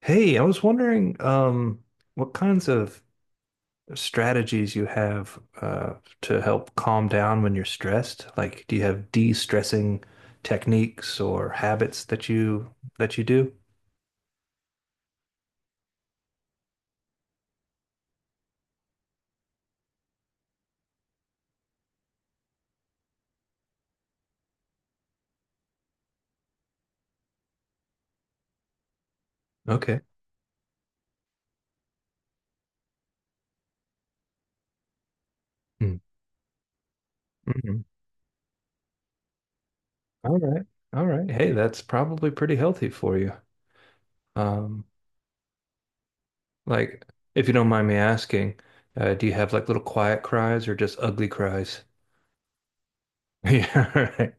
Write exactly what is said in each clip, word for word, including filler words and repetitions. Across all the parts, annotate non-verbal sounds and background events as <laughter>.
Hey, I was wondering um, what kinds of strategies you have uh, to help calm down when you're stressed. Like, do you have de-stressing techniques or habits that you that you do? Okay. Mm. Mhm. All right. All right. Hey, that's probably pretty healthy for you. Um, like, if you don't mind me asking, uh, do you have like little quiet cries or just ugly cries? <laughs> Yeah, all right.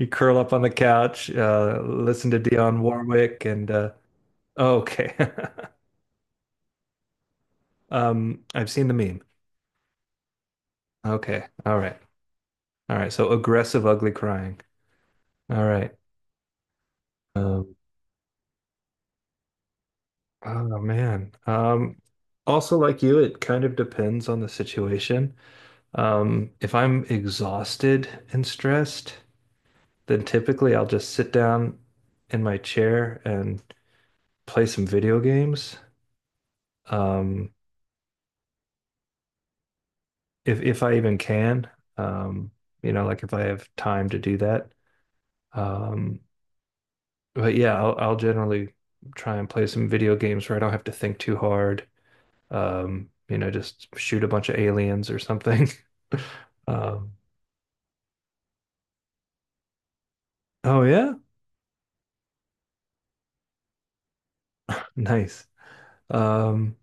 You curl up on the couch, uh, listen to Dionne Warwick, and uh, okay. <laughs> Um, I've seen the meme. Okay. All right. All right. So aggressive, ugly crying. All right. Um, oh man. Um, also like you, it kind of depends on the situation. Um, if I'm exhausted and stressed, then typically I'll just sit down in my chair and play some video games. Um, if if I even can. Um, you know, like if I have time to do that. Um, but yeah, I'll I'll generally try and play some video games where I don't have to think too hard. Um, you know, just shoot a bunch of aliens or something. <laughs> Um, oh yeah, nice. Um,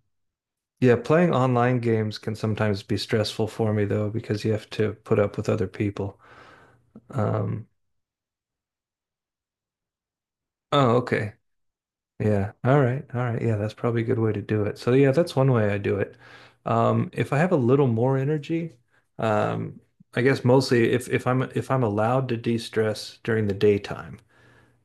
yeah, playing online games can sometimes be stressful for me though because you have to put up with other people. Um, oh, okay. Yeah. All right. All right. Yeah, that's probably a good way to do it. So yeah, that's one way I do it. Um, if I have a little more energy, um, I guess mostly if if I'm if I'm allowed to de-stress during the daytime,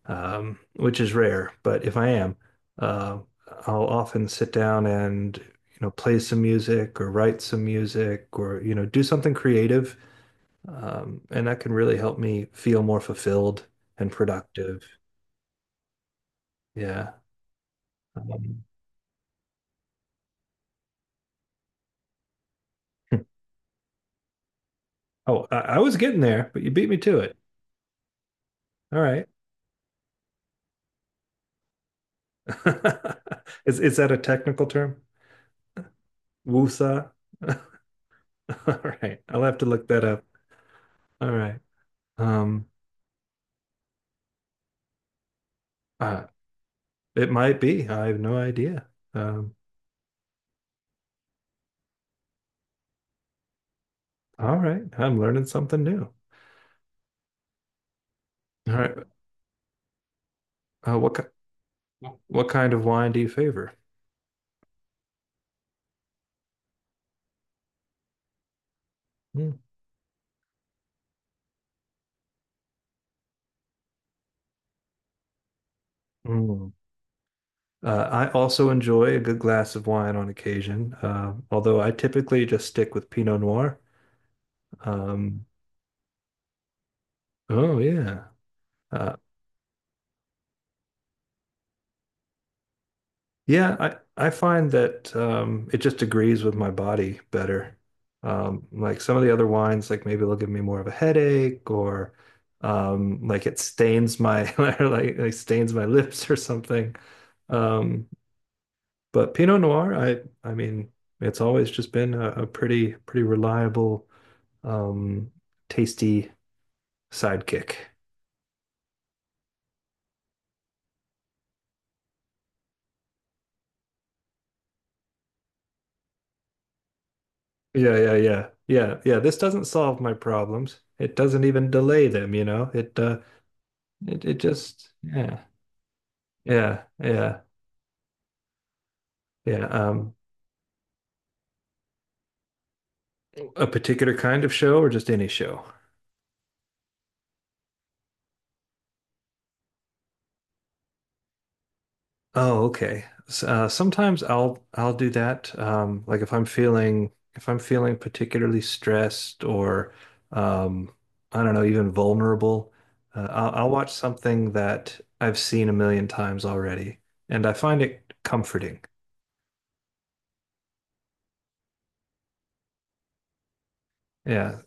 um, which is rare, but if I am, uh, I'll often sit down and you know play some music or write some music or you know do something creative, um, and that can really help me feel more fulfilled and productive. Yeah. Um, <laughs> Oh, I, I was getting there, but you beat me to it. All right. <laughs> Is is that a technical term? Wusa? <laughs> All right. I'll have to look that up. All right. Um, uh, it might be. I have no idea. Um, all right. I'm learning something new. All right. Uh, what ki- what kind of wine do you favor? Hmm. Mm. Uh, I also enjoy a good glass of wine on occasion, uh, although I typically just stick with Pinot Noir. Um, oh yeah. Uh, yeah, I, I find that um, it just agrees with my body better. Um, like some of the other wines, like maybe they'll give me more of a headache or um, like it stains my <laughs> like, like stains my lips or something. Um, but Pinot Noir, I I mean, it's always just been a, a pretty pretty reliable, um, tasty sidekick. Yeah, yeah, yeah, yeah, yeah. This doesn't solve my problems. It doesn't even delay them, you know. It uh, It it just yeah yeah yeah yeah. Um, a particular kind of show or just any show? Oh, okay. S- uh, sometimes I'll I'll do that. Um, like if I'm feeling if I'm feeling particularly stressed or um, I don't know, even vulnerable, uh, I'll, I'll watch something that I've seen a million times already, and I find it comforting. Yeah.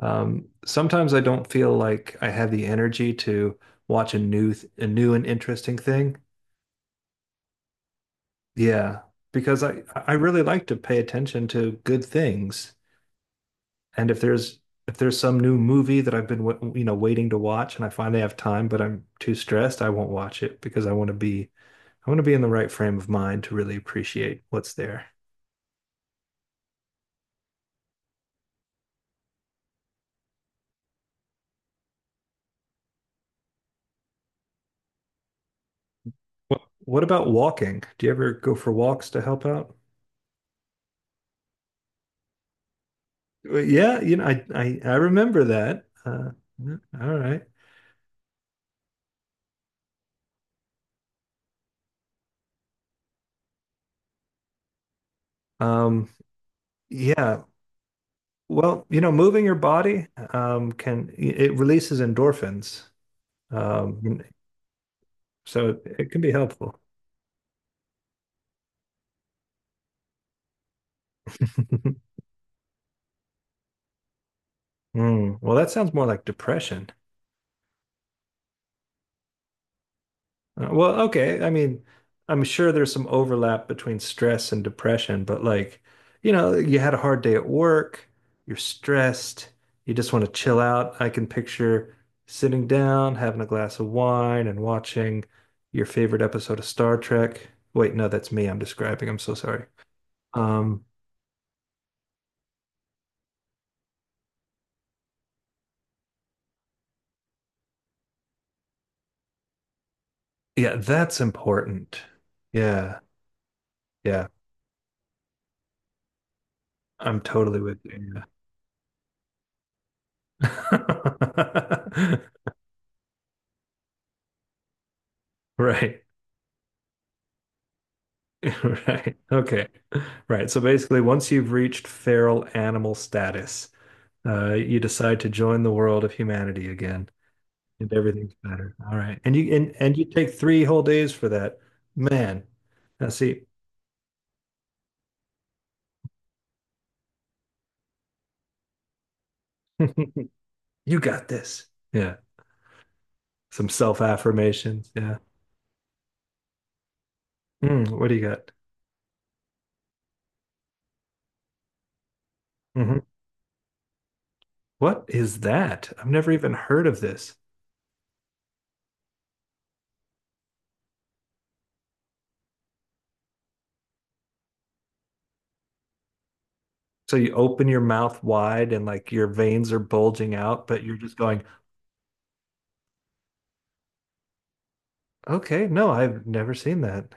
Um, sometimes I don't feel like I have the energy to watch a new th a new and interesting thing. Yeah, because I I really like to pay attention to good things. And if there's if there's some new movie that I've been wa- you know waiting to watch and I finally have time but I'm too stressed, I won't watch it because I want to be I want to be in the right frame of mind to really appreciate what's there. What what about walking? Do you ever go for walks to help out? Well, yeah, you know, I I, I remember that. Uh, yeah, all right. Um, yeah. Well, you know, moving your body um, can it releases endorphins. Um, so it can be helpful. <laughs> Mm, well, that sounds more like depression. Uh, well, okay. I mean, I'm sure there's some overlap between stress and depression, but like, you know, you had a hard day at work, you're stressed, you just want to chill out. I can picture sitting down, having a glass of wine, and watching your favorite episode of Star Trek. Wait, no, that's me I'm describing. I'm so sorry. Um, yeah, that's important. Yeah. Yeah. I'm totally with you. Yeah. <laughs> Right. <laughs> Right. Okay. Right. So basically, once you've reached feral animal status, uh, you decide to join the world of humanity again, and everything's better. All right. And you and, and you take three whole days for that. Man, now see, <laughs> you got this. Yeah. Some self-affirmations. Yeah. Mm, what do you got? Hmm. What is that? I've never even heard of this. So you open your mouth wide and like your veins are bulging out, but you're just going, okay, no, I've never seen that.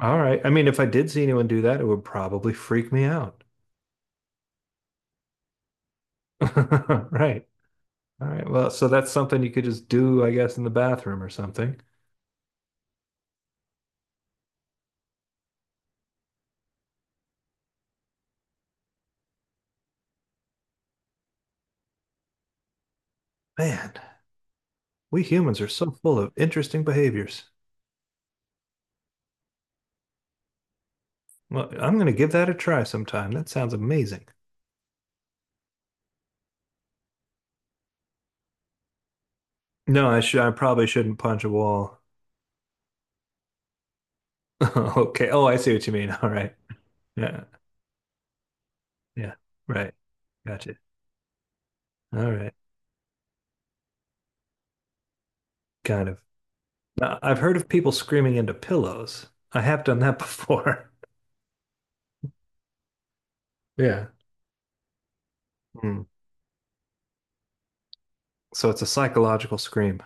All right. I mean, if I did see anyone do that, it would probably freak me out. <laughs> Right. All right. Well, so that's something you could just do, I guess, in the bathroom or something. Man, we humans are so full of interesting behaviors. Well, I'm going to give that a try sometime. That sounds amazing. No, I should, I probably shouldn't punch a wall. <laughs> Okay. Oh, I see what you mean. <laughs> All right. Yeah. Yeah. Right. Gotcha. All right. Kind of. I've heard of people screaming into pillows. I have done that <laughs> before. Yeah. Hmm. So it's a psychological scream.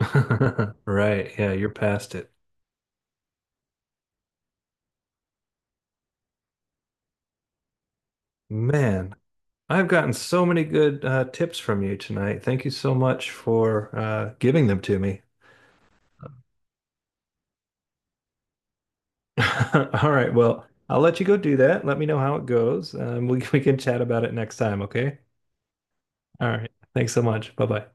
<laughs> Right. Yeah, you're past it. Man, I've gotten so many good uh, tips from you tonight. Thank you so much for uh, giving them to me. <laughs> All right. Well, I'll let you go do that. Let me know how it goes. Um, we, <laughs> we can chat about it next time, okay? All right. Thanks so much. Bye bye.